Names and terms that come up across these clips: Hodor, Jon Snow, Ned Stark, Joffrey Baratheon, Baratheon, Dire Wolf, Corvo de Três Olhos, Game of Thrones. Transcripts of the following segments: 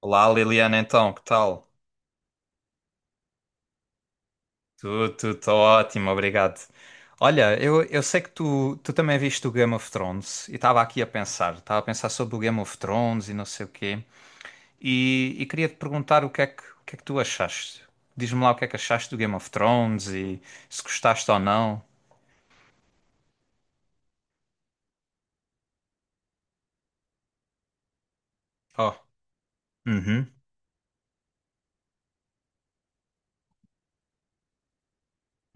Olá Liliana, então, que tal? Tô ótimo, obrigado. Olha, eu sei que tu também viste o Game of Thrones e estava a pensar sobre o Game of Thrones e não sei o quê, e queria te perguntar o que é que tu achaste. Diz-me lá o que é que achaste do Game of Thrones e se gostaste ou não. Oh. Uhum.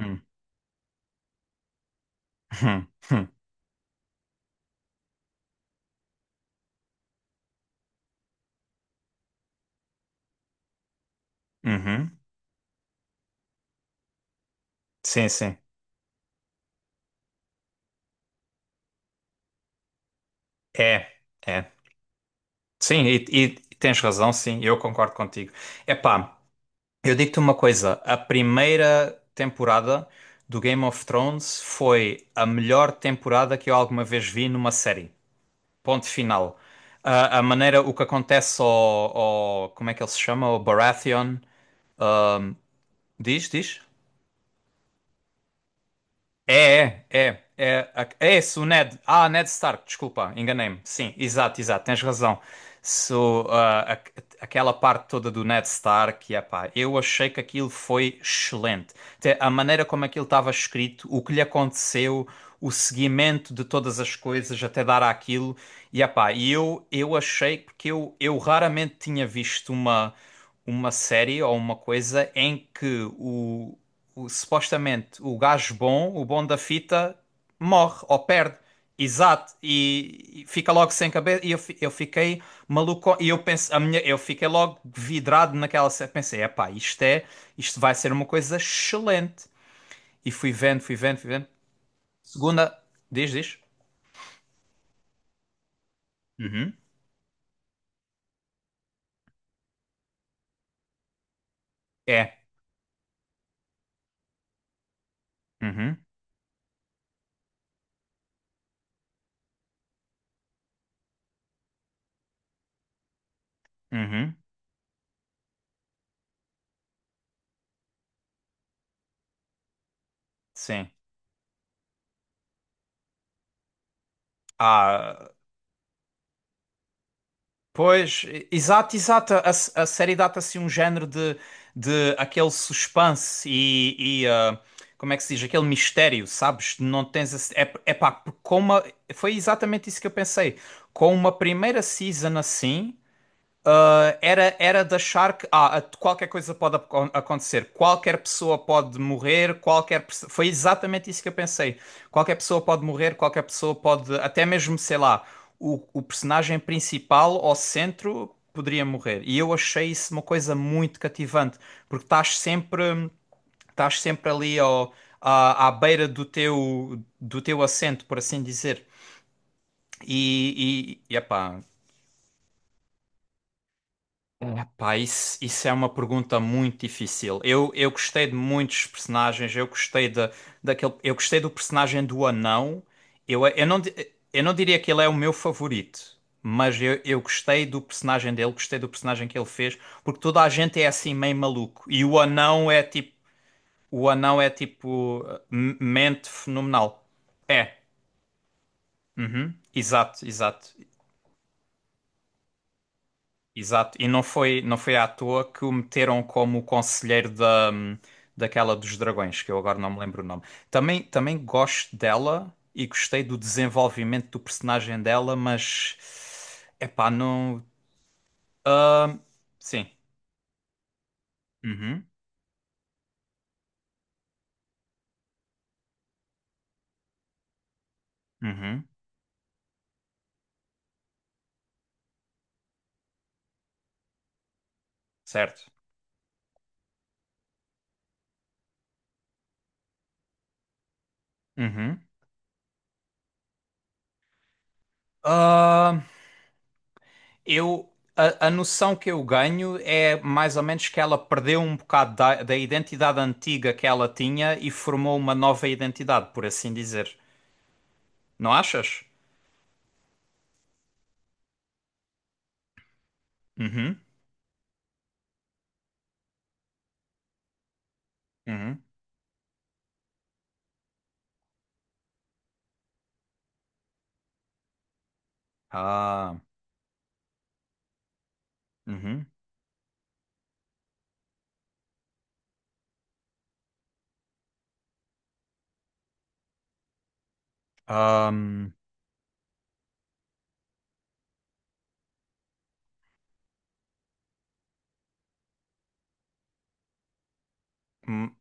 Uhum. Uhum. Uhum. Sim, sim. É, é. Sim, e tens razão, sim, eu concordo contigo. Epá. Eu digo-te uma coisa, a primeira temporada do Game of Thrones foi a melhor temporada que eu alguma vez vi numa série. Ponto final. A maneira, o que acontece como é que ele se chama? O Baratheon. ahm, Diz, diz? É, é, é, é, é esse o Ned. Ah, Ned Stark, desculpa, enganei-me. Sim, exato, exato, tens razão. So, ah, a- Aquela parte toda do Ned Stark, epá, eu achei que aquilo foi excelente. Até a maneira como aquilo estava escrito, o que lhe aconteceu, o seguimento de todas as coisas até dar àquilo, e epá, e eu achei, porque eu raramente tinha visto uma série ou uma coisa em que supostamente o gajo bom, o bom da fita, morre ou perde. Exato, e fica logo sem cabeça. E eu fiquei maluco. E eu penso, eu fiquei logo vidrado naquela série. Pensei, epá, isto vai ser uma coisa excelente. E fui vendo, fui vendo, fui vendo. Segunda, Diz, diz? É. Uhum, uhum, sim. Ah. Pois, exato, exato. A série dá-te assim um género de aquele suspense como é que se diz? Aquele mistério, sabes? Não tens esse- É, é pá, com uma, foi exatamente isso que eu pensei. Com uma primeira season assim. Ah, era de achar que qualquer coisa pode acontecer, qualquer pessoa pode morrer, qualquer pessoa. Foi exatamente isso que eu pensei. Qualquer pessoa pode morrer, qualquer pessoa pode. Até mesmo, sei lá, o personagem principal ao centro poderia morrer. E eu achei isso uma coisa muito cativante, porque estás sempre ali à beira do teu assento, por assim dizer. E epá. Epá, isso é uma pergunta muito difícil. Eu gostei de muitos personagens, eu gostei do personagem do anão. Eu, eu não, di- eu não diria que ele é o meu favorito, mas eu gostei do personagem dele, gostei do personagem que ele fez, porque toda a gente é assim meio maluco. E o anão é tipo mente fenomenal. É, uhum, exato, exato. Exato, e não foi à toa que o meteram como o conselheiro daquela dos dragões, que eu agora não me lembro o nome. Também, também gosto dela e gostei do desenvolvimento do personagem dela, mas epá, não. Ah, sim. Uhum, uhum, certo. Uhum. Ah, a noção que eu ganho é mais ou menos que ela perdeu um bocado da identidade antiga que ela tinha e formou uma nova identidade, por assim dizer. Não achas? Uhum, uhum. Ah, uhum. Ahm, m-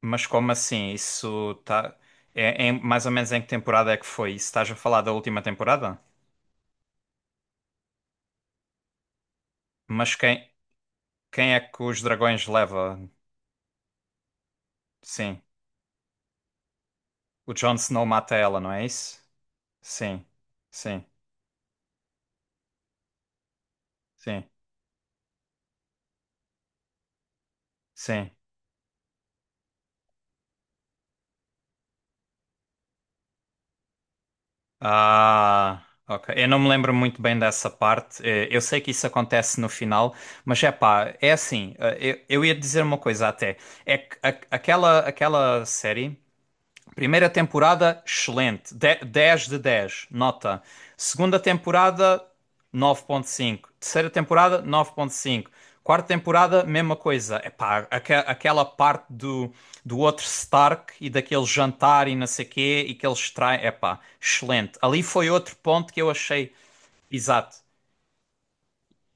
mas como assim? Isso tá. É mais ou menos em que temporada é que foi? Isso estás a falar da última temporada? Mas quem é que os dragões leva? Sim. O Jon Snow mata ela, não é isso? Sim, sim, sim, sim. Ah, ok. Eu não me lembro muito bem dessa parte. Eu sei que isso acontece no final, mas é pá, é assim. Eu ia dizer uma coisa até. É que aquela série. Primeira temporada, excelente. 10 de 10 nota. Segunda temporada, 9,5. Terceira temporada, 9,5. Quarta temporada, mesma coisa. Epá, aquela parte do outro Stark e daquele jantar e não sei quê e que eles traem. Epá, excelente. Ali foi outro ponto que eu achei. Exato.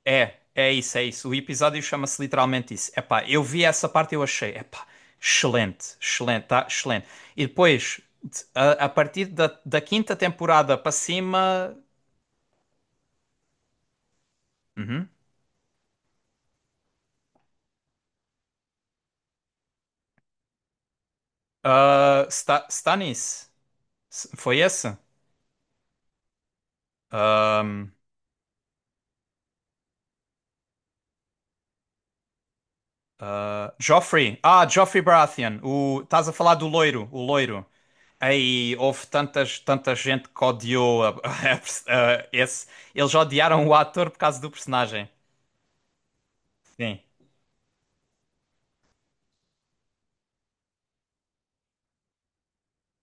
É isso, é isso. O episódio chama-se literalmente isso. Epá, eu vi essa parte e eu achei, epá, excelente, excelente, tá? Excelente. E depois, a partir da quinta temporada para cima. Uhum. Está nisso. Foi esse? Ahm, Joffrey. Ah, Joffrey Baratheon. Estás a falar do loiro, o loiro. Aí houve tantas, tanta gente que odiou esse. Eles odiaram o ator por causa do personagem. Sim.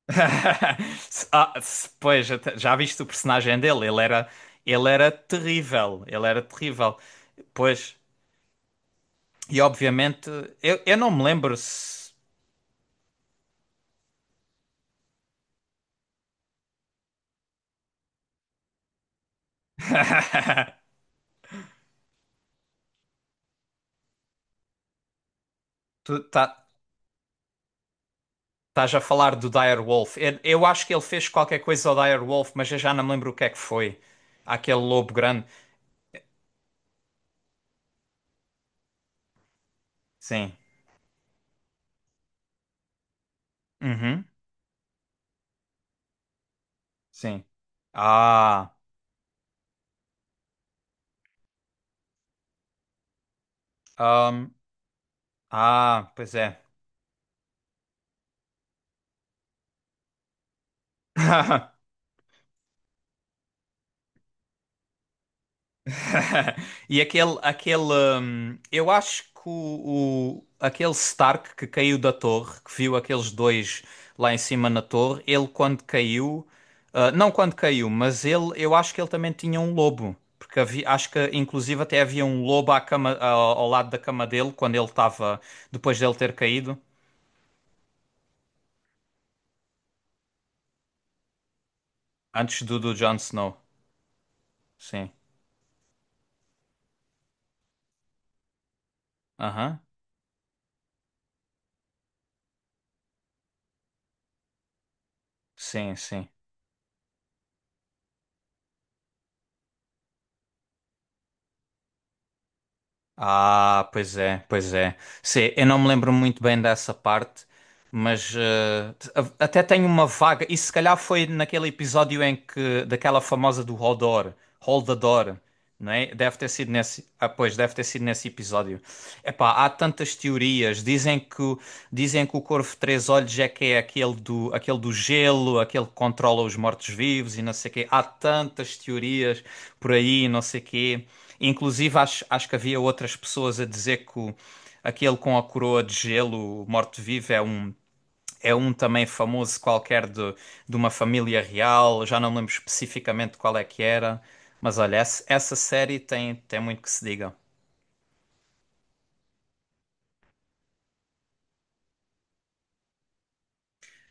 Ah, pois, já viste o personagem dele? Ele era terrível. Ele era terrível. Pois, e obviamente, eu não me lembro se. Tu tá, Estás a falar do Dire Wolf. Eu acho que ele fez qualquer coisa ao Dire Wolf, mas eu já não me lembro o que é que foi. Aquele lobo grande. Sim. Uhum. Sim. Ah. ahm, Pois é. E aquele, aquele, eu acho que aquele Stark que caiu da torre, que viu aqueles dois lá em cima na torre, ele quando caiu, não quando caiu, mas eu acho que ele também tinha um lobo, porque acho que inclusive até havia um lobo à cama, ao lado da cama dele quando ele estava, depois dele ter caído, antes do Jon Snow. Sim, aham, Sim, sim. Ah, pois é, pois é. Sim, eu não me lembro muito bem dessa parte, mas até tenho uma vaga. Isso se calhar foi naquele episódio em que daquela famosa do Hodor, Holdador não é? Deve ter sido nesse, ah, pois, deve ter sido nesse episódio. Epá, há tantas teorias. Dizem que o Corvo de Três Olhos é que é aquele do gelo, aquele que controla os mortos-vivos e não sei o quê. Há tantas teorias por aí, não sei o quê. Inclusive, acho que havia outras pessoas a dizer que aquele com a coroa de gelo, o morto-vivo, é um também famoso qualquer de uma família real, já não me lembro especificamente qual é que era, mas olha, essa série tem muito que se diga.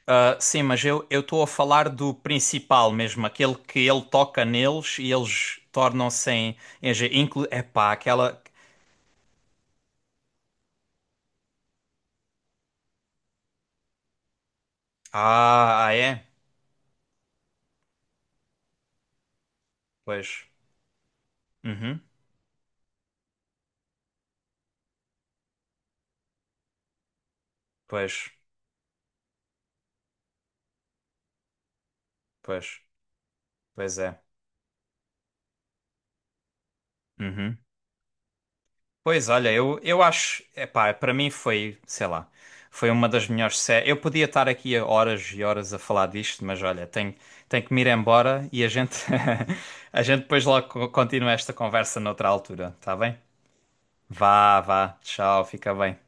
Ah, sim, mas eu estou a falar do principal mesmo, aquele que ele toca neles e eles tornam-se em, epá, aquela. Ah, é? Pois, uhum, pois, pois, pois é. Uhum. Pois olha, eu acho, epá, para mim foi, sei lá, foi uma das melhores séries. Eu podia estar aqui a horas e horas a falar disto, mas olha, tenho que me ir embora e a gente a gente depois logo continua esta conversa noutra altura, tá bem? Vá, vá, tchau, fica bem.